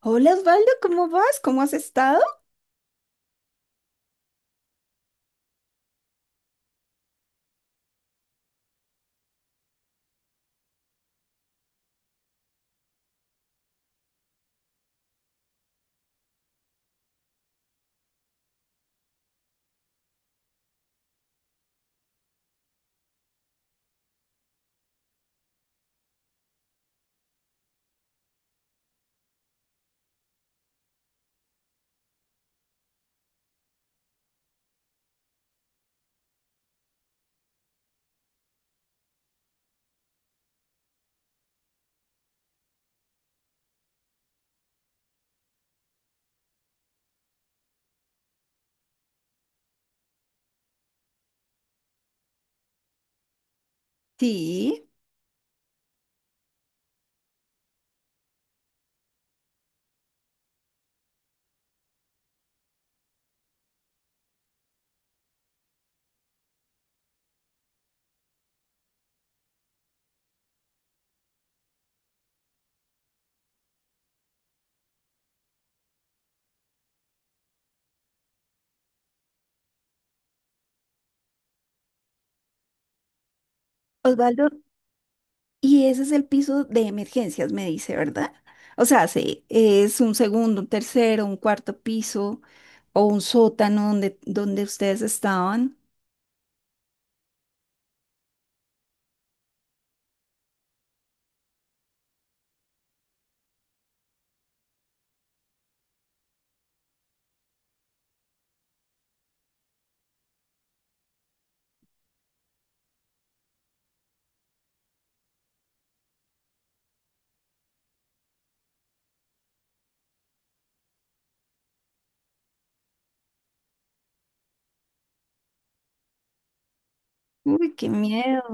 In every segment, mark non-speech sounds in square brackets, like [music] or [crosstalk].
Hola Osvaldo, ¿cómo vas? ¿Cómo has estado? Sí, Osvaldo, y ese es el piso de emergencias, me dice, ¿verdad? O sea, sí, ¿es un segundo, un tercero, un cuarto piso o un sótano donde, donde ustedes estaban? Uy, qué miedo.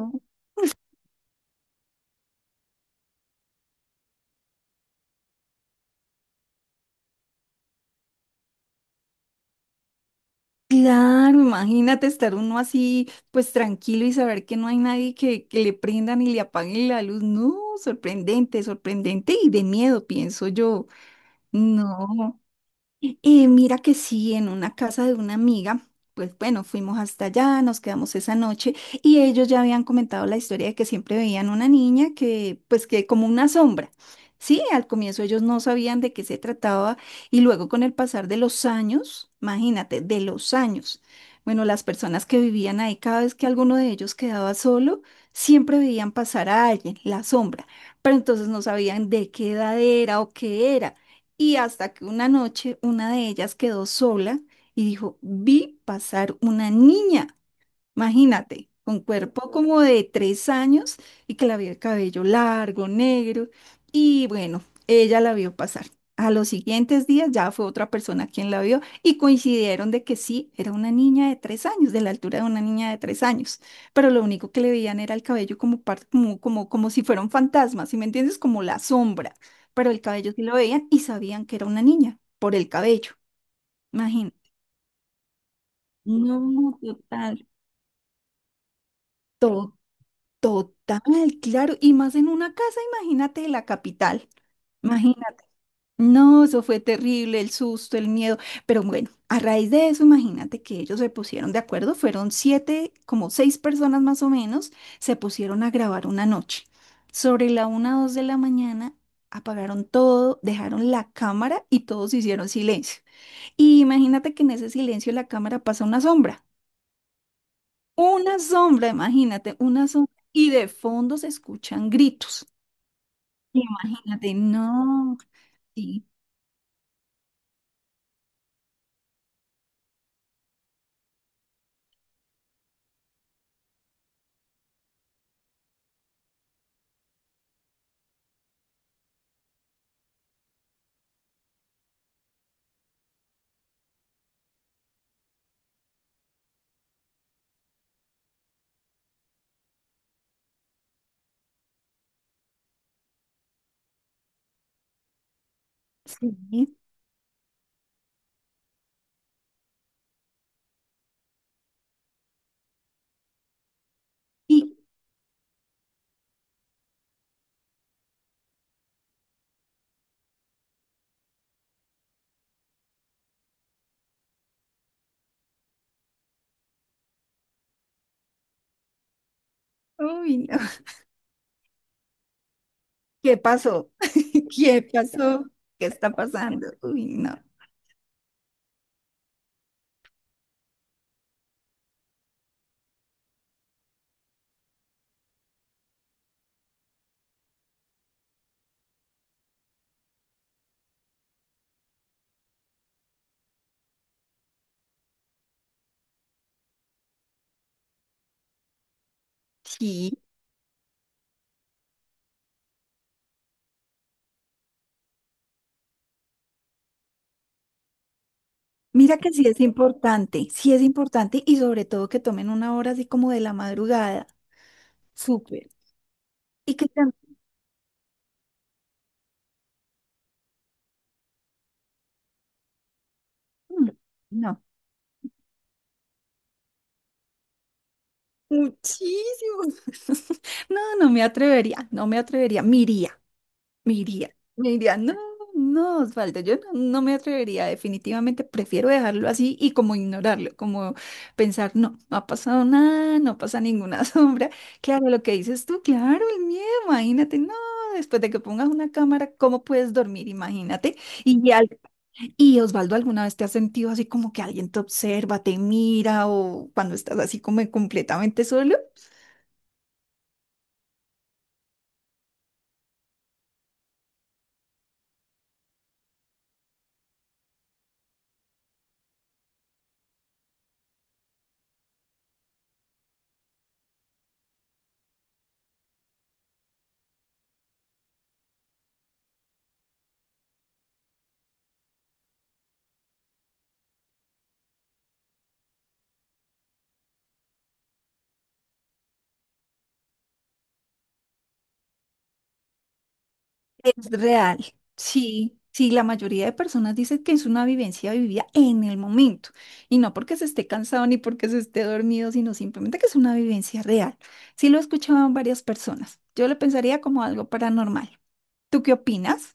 Claro, imagínate estar uno así, pues tranquilo, y saber que no hay nadie, que, que le prendan y le apaguen la luz. No, sorprendente, sorprendente y de miedo, pienso yo. No. Mira que sí, en una casa de una amiga, pues bueno, fuimos hasta allá, nos quedamos esa noche, y ellos ya habían comentado la historia de que siempre veían una niña que, pues, que como una sombra. Sí, al comienzo ellos no sabían de qué se trataba, y luego con el pasar de los años, imagínate, de los años, bueno, las personas que vivían ahí, cada vez que alguno de ellos quedaba solo, siempre veían pasar a alguien, la sombra, pero entonces no sabían de qué edad era o qué era. Y hasta que una noche una de ellas quedó sola y dijo, vi pasar una niña. Imagínate, con cuerpo como de tres años, y que la vio el cabello largo, negro. Y bueno, ella la vio pasar. A los siguientes días ya fue otra persona quien la vio, y coincidieron de que sí, era una niña de tres años, de la altura de una niña de tres años. Pero lo único que le veían era el cabello como, como, como, como si fuera un fantasma, ¿sí me entiendes? Como la sombra. Pero el cabello sí lo veían y sabían que era una niña por el cabello. Imagínate. No, total. Total, claro, y más en una casa, imagínate, de la capital, imagínate. No, eso fue terrible, el susto, el miedo, pero bueno, a raíz de eso, imagínate que ellos se pusieron de acuerdo, fueron siete, como seis personas más o menos, se pusieron a grabar una noche. Sobre la una o dos de la mañana, apagaron todo, dejaron la cámara y todos hicieron silencio. Y imagínate que en ese silencio la cámara pasa una sombra, imagínate, una sombra, y de fondo se escuchan gritos. Imagínate, no, sí, sí, sí. Uy, no. ¿Qué pasó? [laughs] ¿Qué pasó? ¿Qué está pasando? Uy, no. Sí. Mira que sí es importante, sí es importante, y sobre todo que tomen una hora así como de la madrugada. Súper. Y que también, mm, no, muchísimo. [laughs] No, no me atrevería, no me atrevería. Miría, me iría, me iría, no, no, Osvaldo, yo no, no me atrevería, definitivamente prefiero dejarlo así y como ignorarlo, como pensar, no, no ha pasado nada, no pasa ninguna [laughs] sombra. Claro, lo que dices tú, claro, el miedo, imagínate, no, después de que pongas una cámara, ¿cómo puedes dormir? Imagínate. Y, y Osvaldo, ¿alguna vez te has sentido así como que alguien te observa, te mira o cuando estás así como completamente solo? Es real, sí, sí, la mayoría de personas dicen que es una vivencia vivida en el momento, y no porque se esté cansado ni porque se esté dormido, sino simplemente que es una vivencia real. Sí lo he escuchado en varias personas. Yo lo pensaría como algo paranormal. ¿Tú qué opinas?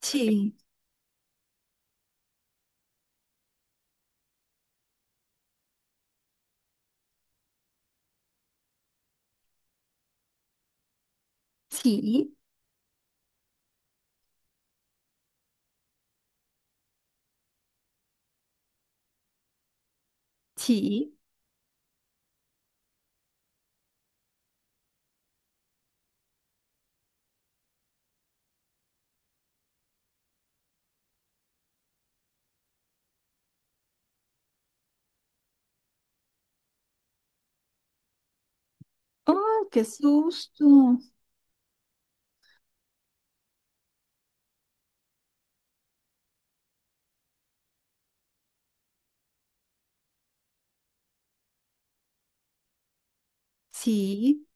Sí, sí, sí. ¡Oh, qué susto! Sí,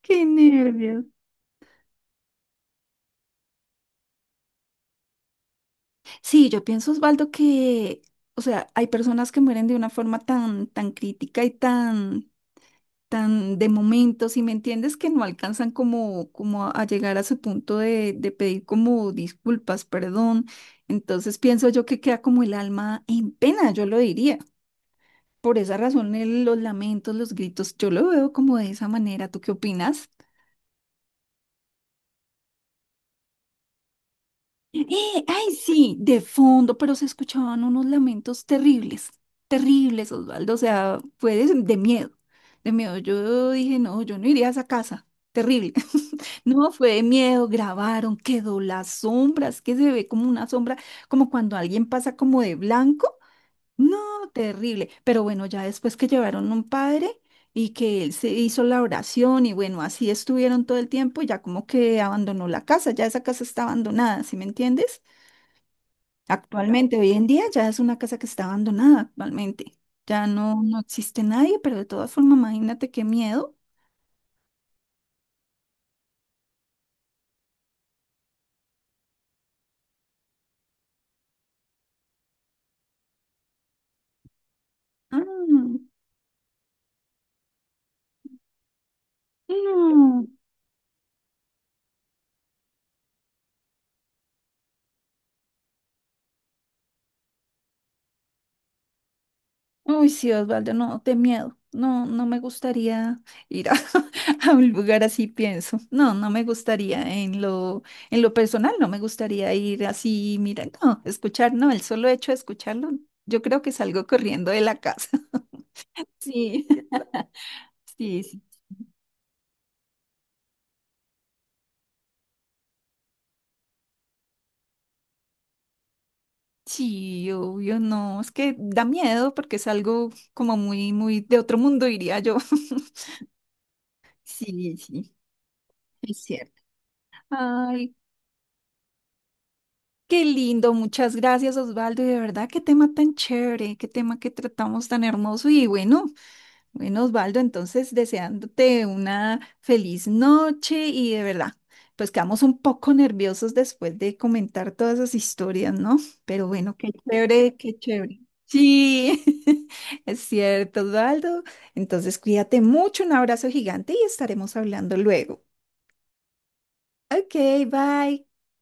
qué nervios. Sí, yo pienso, Osvaldo, que, o sea, hay personas que mueren de una forma tan, tan crítica y tan tan de momento, si me entiendes, que no alcanzan como, como a llegar a su punto de pedir como disculpas, perdón. Entonces pienso yo que queda como el alma en pena, yo lo diría. Por esa razón, los lamentos, los gritos, yo lo veo como de esa manera. ¿Tú qué opinas? ¡Eh! ¡Ay, sí! De fondo, pero se escuchaban unos lamentos terribles, terribles, Osvaldo. O sea, fue de miedo, de miedo. Yo dije, no, yo no iría a esa casa. Terrible. [laughs] No, fue de miedo. Grabaron, quedó las sombras, que se ve como una sombra, como cuando alguien pasa como de blanco. No, terrible. Pero bueno, ya después que llevaron un padre y que él se hizo la oración, y bueno, así estuvieron todo el tiempo, ya como que abandonó la casa, ya esa casa está abandonada, ¿sí me entiendes? Actualmente, hoy en día ya es una casa que está abandonada actualmente. Ya no, no existe nadie, pero de todas formas, imagínate qué miedo. Ah, no. Uy, sí, Osvaldo, no, de miedo. No, no me gustaría ir a, [laughs] a un lugar así, pienso. No, no me gustaría en lo personal, no me gustaría ir así, mira, no, escuchar, no, el solo hecho de escucharlo, yo creo que salgo corriendo de la casa. [laughs] Sí, [laughs] sí, sí. Sí, obvio, no, es que da miedo porque es algo como muy, muy de otro mundo, diría yo. [laughs] Sí, sí, es cierto. Ay, qué lindo, muchas gracias, Osvaldo, y de verdad, qué tema tan chévere, qué tema que tratamos tan hermoso y bueno. Bueno, Osvaldo, entonces deseándote una feliz noche y de verdad, pues quedamos un poco nerviosos después de comentar todas esas historias, ¿no? Pero bueno, qué chévere, qué chévere. Sí, [laughs] es cierto, Osvaldo. Entonces cuídate mucho, un abrazo gigante y estaremos hablando luego. Ok, bye.